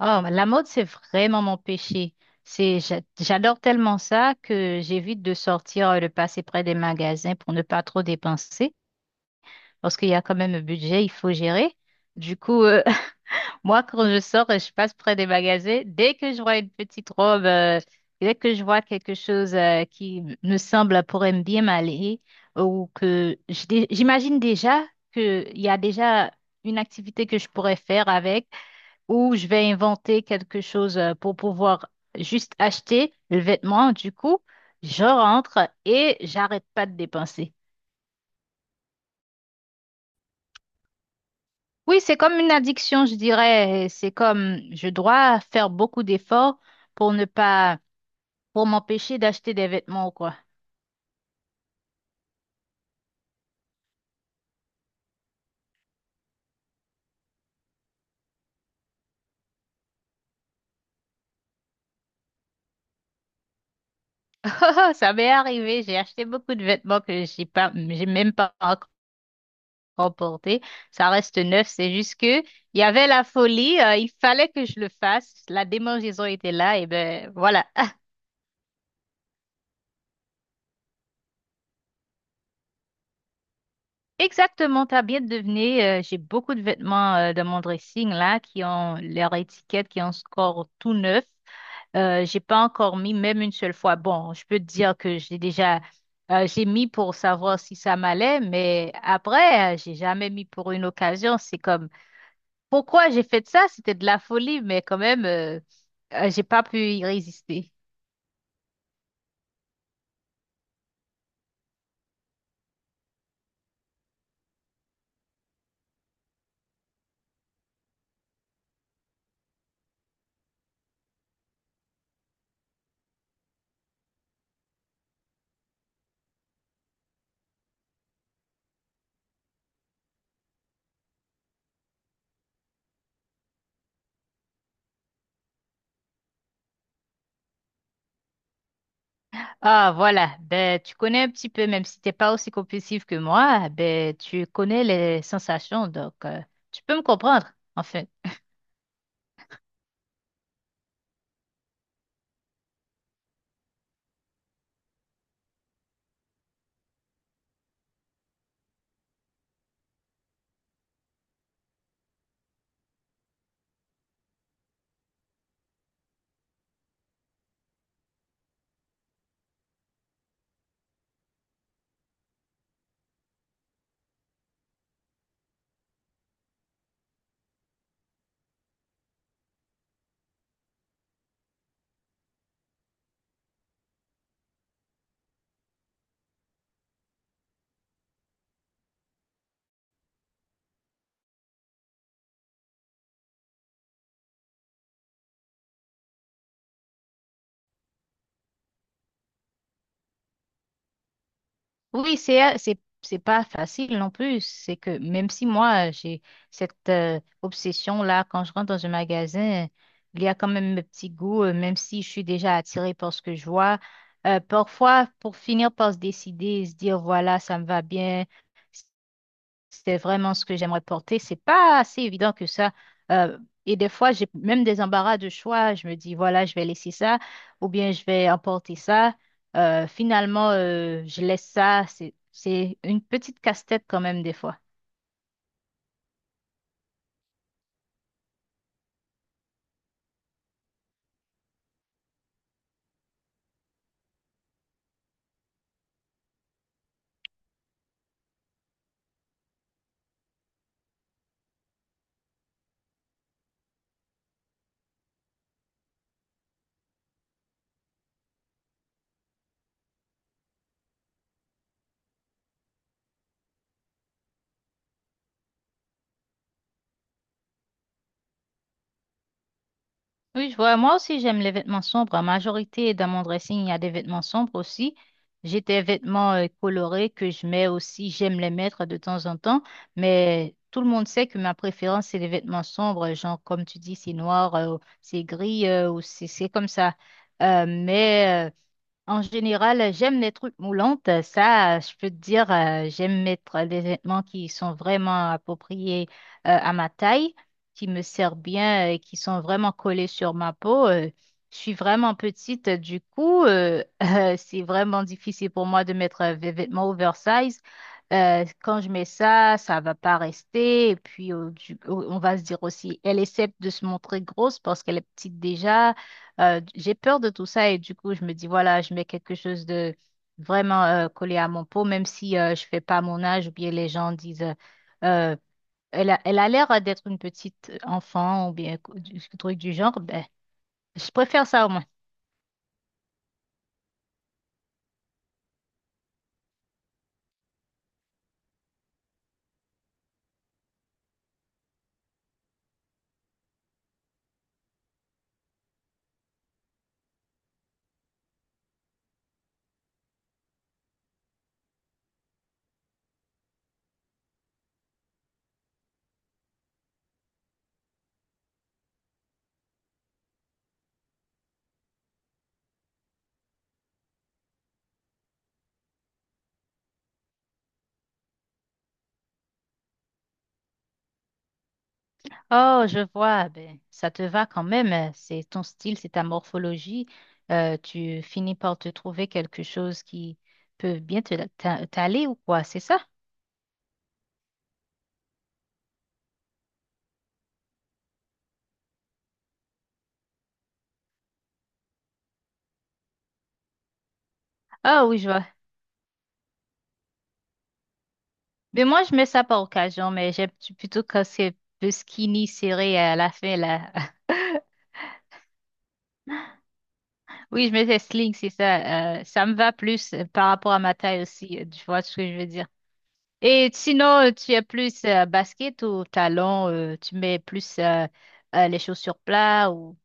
Oh, la mode, c'est vraiment mon péché. J'adore tellement ça que j'évite de sortir le passer près des magasins pour ne pas trop dépenser, parce qu'il y a quand même un budget, il faut gérer. Du coup, moi, quand je sors, je passe près des magasins. Dès que je vois une petite robe, dès que je vois quelque chose, me semble pourrait me bien m'aller, ou j'imagine déjà qu'il y a déjà une activité que je pourrais faire avec, ou je vais inventer quelque chose pour pouvoir juste acheter le vêtement. Du coup, je rentre et j'arrête pas de dépenser. Oui, c'est comme une addiction, je dirais. C'est comme je dois faire beaucoup d'efforts pour ne pas, pour m'empêcher d'acheter des vêtements ou quoi. Oh, ça m'est arrivé, j'ai acheté beaucoup de vêtements que j'ai pas, j'ai même pas encore porté. Ça reste neuf, c'est juste que il y avait la folie, il fallait que je le fasse. La démangeaison était là, et ben voilà. Exactement, t'as bien deviné. J'ai beaucoup de vêtements de mon dressing là qui ont leur étiquette, qui ont encore tout neuf. J'ai pas encore mis même une seule fois. Bon, je peux te dire que j'ai déjà j'ai mis pour savoir si ça m'allait, mais après j'ai jamais mis pour une occasion. C'est comme pourquoi j'ai fait ça? C'était de la folie, mais quand même j'ai pas pu y résister. Ah, voilà. Ben, tu connais un petit peu, même si t'es pas aussi compulsif que moi, ben, tu connais les sensations, donc tu peux me comprendre, enfin. Oui, c'est pas facile non plus. C'est que même si moi, j'ai cette obsession-là, quand je rentre dans un magasin, il y a quand même mes petits goûts, même si je suis déjà attirée par ce que je vois. Parfois, pour finir par se décider, se dire, voilà, ça me va bien. C'est vraiment ce que j'aimerais porter. C'est pas assez évident que ça. Euh, et des fois, j'ai même des embarras de choix. Je me dis, voilà, je vais laisser ça ou bien je vais emporter ça. Finalement, je laisse ça. C'est une petite casse-tête quand même des fois. Oui, je vois. Moi aussi, j'aime les vêtements sombres. En majorité, dans mon dressing, il y a des vêtements sombres aussi. J'ai des vêtements colorés que je mets aussi. J'aime les mettre de temps en temps. Mais tout le monde sait que ma préférence, c'est les vêtements sombres. Genre, comme tu dis, c'est noir, c'est gris, ou c'est comme ça. Euh, mais euh, en général, j'aime les trucs moulantes. Ça, je peux te dire, j'aime mettre des vêtements qui sont vraiment appropriés à ma taille, qui me servent bien et qui sont vraiment collés sur ma peau. Je suis vraiment petite, du coup, c'est vraiment difficile pour moi de mettre des vêtements oversize. Quand je mets ça, ça va pas rester. Et puis, on va se dire aussi, elle essaie de se montrer grosse parce qu'elle est petite déjà. J'ai peur de tout ça et du coup, je me dis, voilà, je mets quelque chose de vraiment collé à mon peau, même si je fais pas mon âge ou bien les gens disent, Euh, elle a l'air d'être une petite enfant ou bien co- du truc du genre, ben, je préfère ça au moins. Oh, je vois, ben, ça te va quand même, c'est ton style, c'est ta morphologie. Tu finis par te trouver quelque chose qui peut bien t'aller ou quoi, c'est ça? Ah oui, je vois. Mais moi, je mets ça par occasion, mais plutôt quand c'est plus skinny, serré à la fin, là. Oui, je mets des slings, c'est ça. Ça me va plus par rapport à ma taille aussi, tu vois ce que je veux dire. Et sinon, tu es plus basket ou talon, tu mets plus les chaussures plats ou...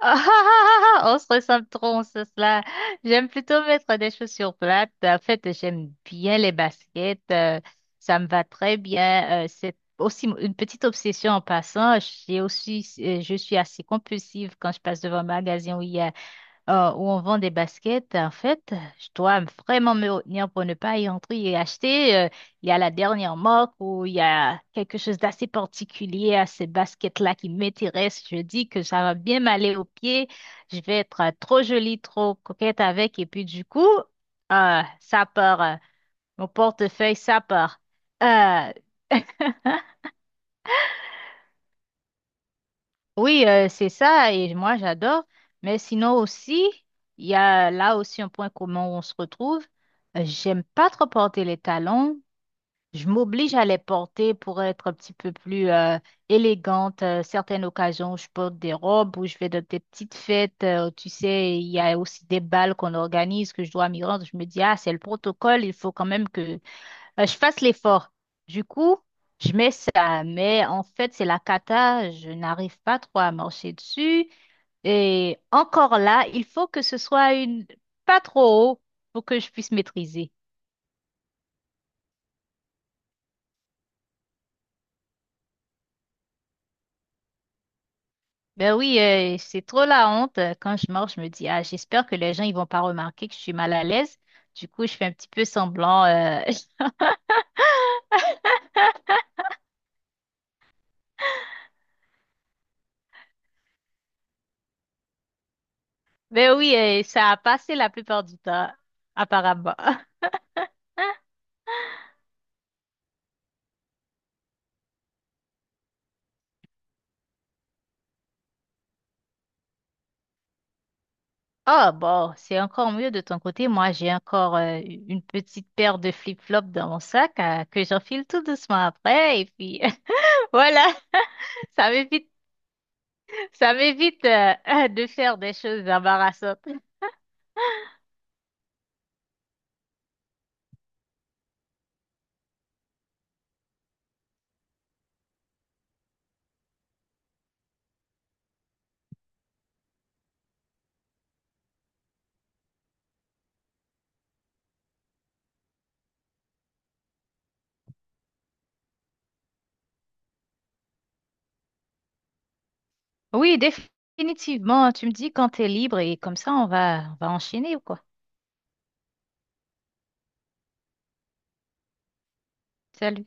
Ah, ah, ah, ah, on se ressemble trop, on se cela. J'aime plutôt mettre des chaussures plates. En fait, j'aime bien les baskets. Ça me va très bien. C'est aussi une petite obsession en passant. J'ai aussi, je suis assez compulsive quand je passe devant un magasin où il y a où on vend des baskets, en fait, je dois vraiment me retenir pour ne pas y entrer et acheter. Il y a la dernière marque où il y a quelque chose d'assez particulier à ces baskets-là qui m'intéresse. Je dis que ça va bien m'aller aux pieds. Je vais être trop jolie, trop coquette avec. Et puis du coup, ça part. Mon portefeuille, ça part. Euh, Oui, c'est ça, et moi j'adore. Mais sinon aussi, il y a là aussi un point commun où on se retrouve. J'aime pas trop porter les talons. Je m'oblige à les porter pour être un petit peu plus élégante. Certaines occasions, je porte des robes ou je vais dans des petites fêtes. Tu sais, il y a aussi des bals qu'on organise que je dois m'y rendre. Je me dis, ah, c'est le protocole, il faut quand même que je fasse l'effort. Du coup, je mets ça, mais en fait, c'est la cata, je n'arrive pas trop à marcher dessus. Et encore là, il faut que ce soit une pas trop haut pour que je puisse maîtriser. Ben oui, c'est trop la honte. Quand je marche, je me dis, ah, j'espère que les gens ils vont pas remarquer que je suis mal à l'aise. Du coup, je fais un petit peu semblant. Ben oui, ça a passé la plupart du temps, apparemment. Ah bon, c'est encore mieux de ton côté. Moi, j'ai encore une petite paire de flip-flops dans mon sac que j'enfile tout doucement après. Et puis voilà, ça m'évite, ça m'évite de faire des choses embarrassantes. Oui, définitivement. Tu me dis quand t'es libre et comme ça, on va enchaîner ou quoi? Salut.